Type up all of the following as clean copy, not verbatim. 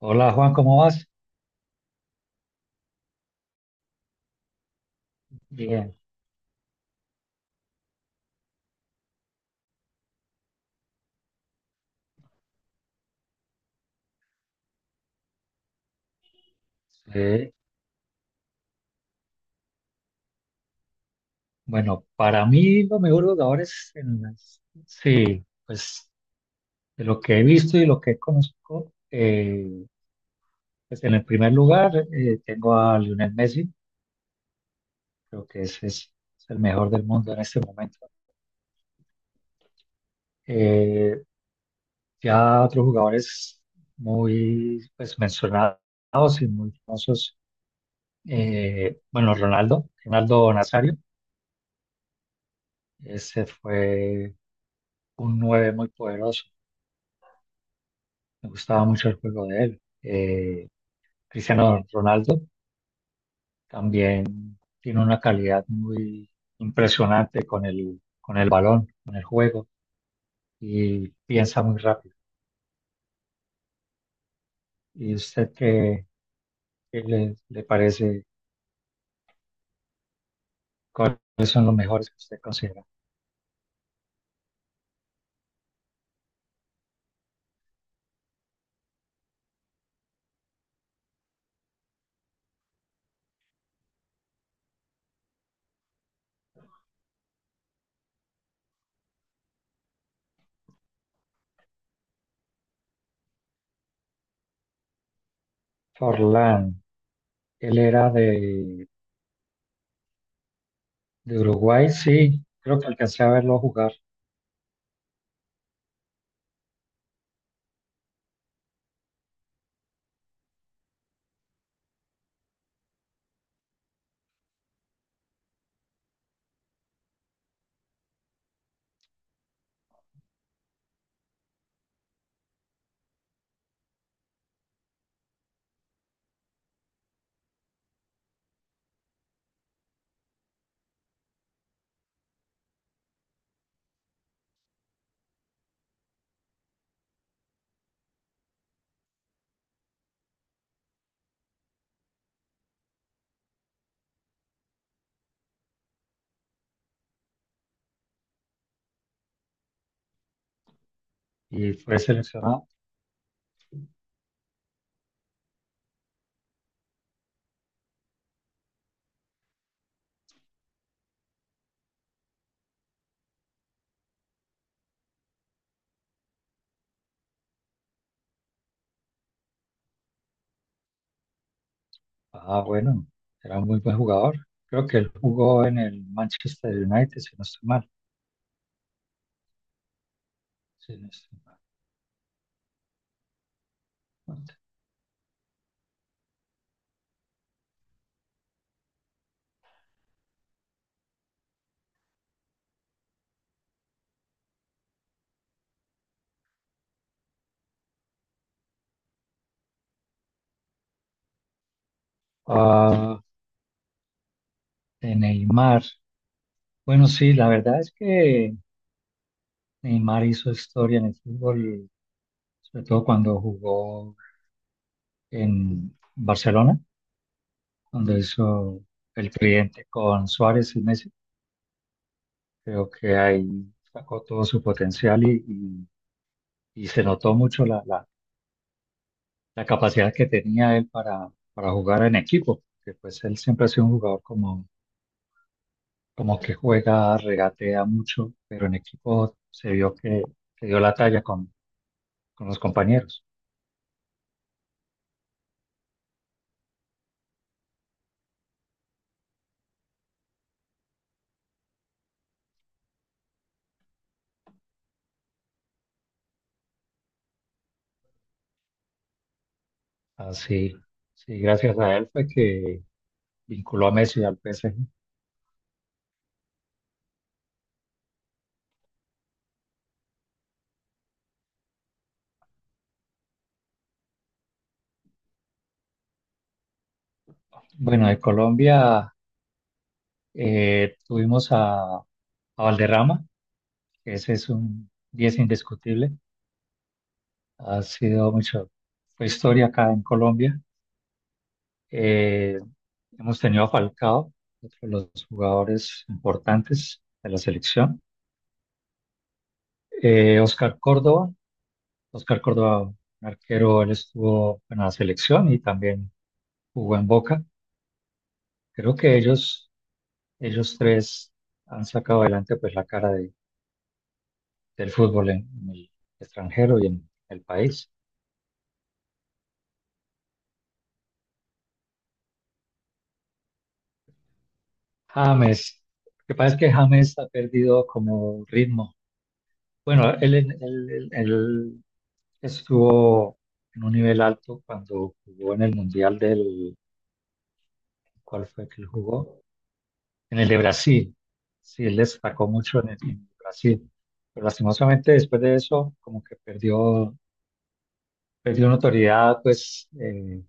Hola Juan, ¿cómo vas? Bien, sí. Bueno, para mí los mejores jugadores, sí, pues de lo que he visto y lo que conozco, pues en el primer lugar tengo a Lionel Messi. Creo que ese es el mejor del mundo en este momento. Eh, ya otros jugadores muy, pues, mencionados y muy famosos. Bueno, Ronaldo, Ronaldo Nazario, ese fue un nueve muy poderoso. Me gustaba mucho el juego de él. Cristiano Ronaldo también tiene una calidad muy impresionante con el balón, con el juego, y piensa muy rápido. ¿Y usted qué le parece? ¿Cuáles son los mejores que usted considera? Forlán, él era de Uruguay, sí, creo que alcancé a verlo jugar y fue seleccionado. Ah, bueno, era un muy buen jugador. Creo que él jugó en el Manchester United, si no estoy mal. Sí, no estoy mal. Ah, de Neymar. Bueno, sí, la verdad es que Neymar hizo historia en el fútbol, sobre todo cuando jugó en Barcelona, cuando hizo el cliente con Suárez y Messi. Creo que ahí sacó todo su potencial y se notó mucho la capacidad que tenía él para, jugar en equipo, que pues él siempre ha sido un jugador como que juega, regatea mucho, pero en equipo se vio que dio la talla con los compañeros. Así, sí, sí, gracias a él fue que vinculó a Messi al PSG. Bueno, de Colombia tuvimos a, Valderrama, que ese es un 10 indiscutible. Ha sido mucho, fue historia acá en Colombia. Eh, Hemos tenido a Falcao, otro de los jugadores importantes de la selección. Oscar Córdoba, Oscar Córdoba, un arquero, él estuvo en la selección y también jugó en Boca. Creo que ellos tres han sacado adelante pues la cara del fútbol en el extranjero y en el país. James, lo que pasa es que James ha perdido como ritmo. Bueno, él estuvo en un nivel alto cuando jugó en el Mundial del. ¿Cuál fue que él jugó? En el de Brasil, sí, él destacó mucho en Brasil, pero lastimosamente después de eso como que perdió notoriedad, pues,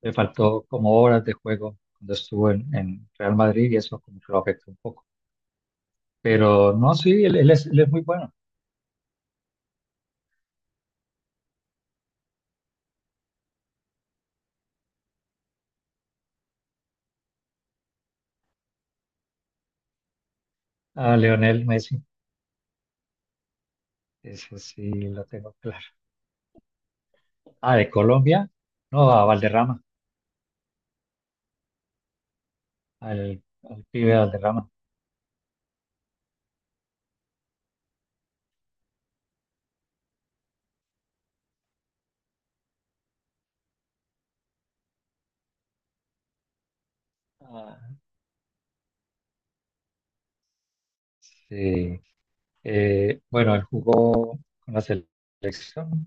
le faltó como horas de juego cuando estuvo en Real Madrid y eso como que lo afectó un poco. Pero no, sí, él es muy bueno. A Leonel Messi, eso sí lo tengo claro. Ah, de Colombia, no, a Valderrama, al, al pibe Valderrama. Ah, sí. Bueno, él jugó con la selección.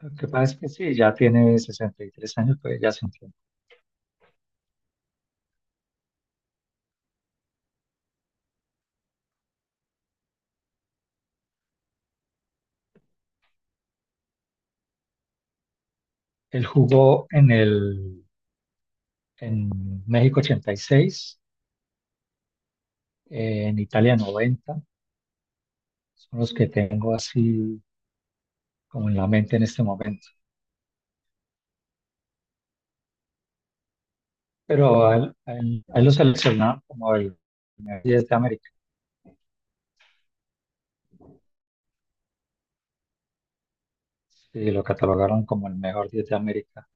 Lo que pasa es que sí, ya tiene 63 años, pues ya se entiende. Él jugó en México 86, en Italia 90. Son los que tengo así como en la mente en este momento. Pero a él lo seleccionaron como el mejor 10 de América y lo catalogaron como el mejor 10 de América.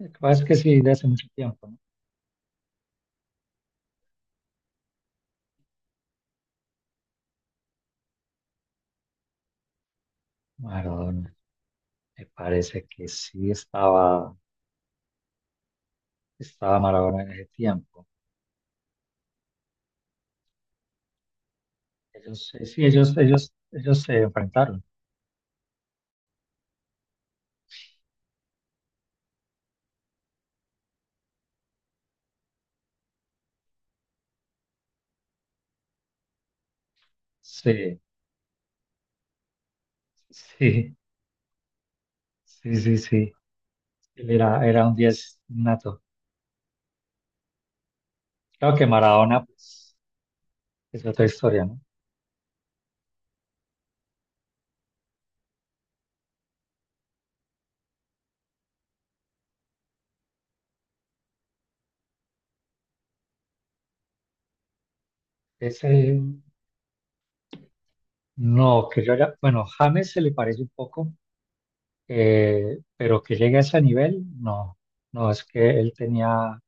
Lo que pasa es que sí, de hace mucho tiempo, ¿no? Maradona, me parece que sí estaba, Maradona en ese tiempo. Sí, ellos se enfrentaron. Sí, sí, sí, sí, sí. Él era un 10 nato. Claro que Maradona, pues, es otra historia, ¿no? Ese, no, bueno, James se le parece un poco, pero que llegue a ese nivel, no. No, es que él tenía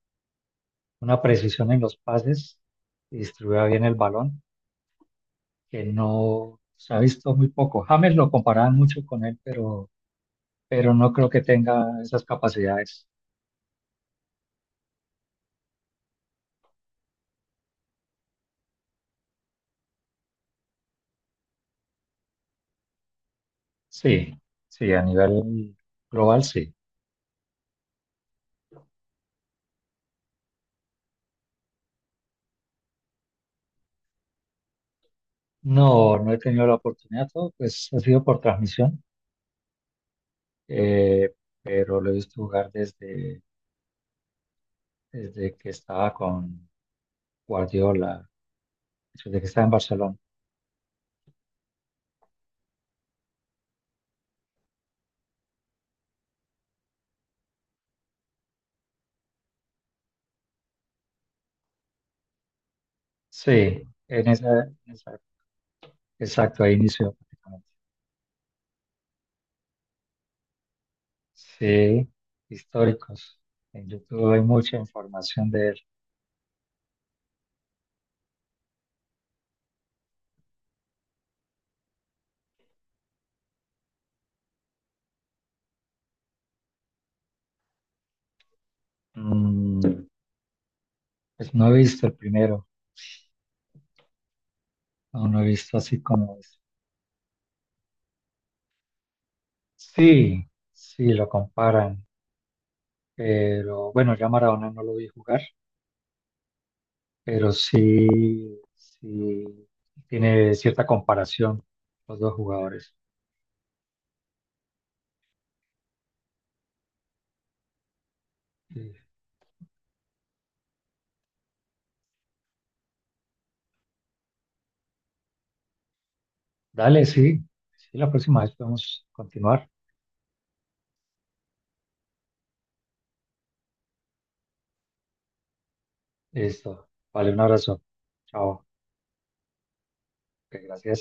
una precisión en los pases y distribuía bien el balón, que no se ha visto muy poco. James lo comparaban mucho con él, pero no creo que tenga esas capacidades. Sí, sí, a nivel global sí. No, no he tenido la oportunidad, todo pues ha sido por transmisión. eh, pero lo he visto jugar desde, que estaba con Guardiola, desde que estaba en Barcelona. Sí, en esa, en esa- exacto, ahí inició prácticamente. Sí, históricos. En YouTube hay mucha información de él. Mm, pues no he visto el primero, no, no he visto así como es. Sí, sí, lo comparan. Pero bueno, ya Maradona no lo vi jugar, pero sí, sí tiene cierta comparación los dos jugadores. Sí. Dale, sí, sí, la próxima vez podemos continuar. Listo. Vale, un abrazo. Chao. Ok, gracias.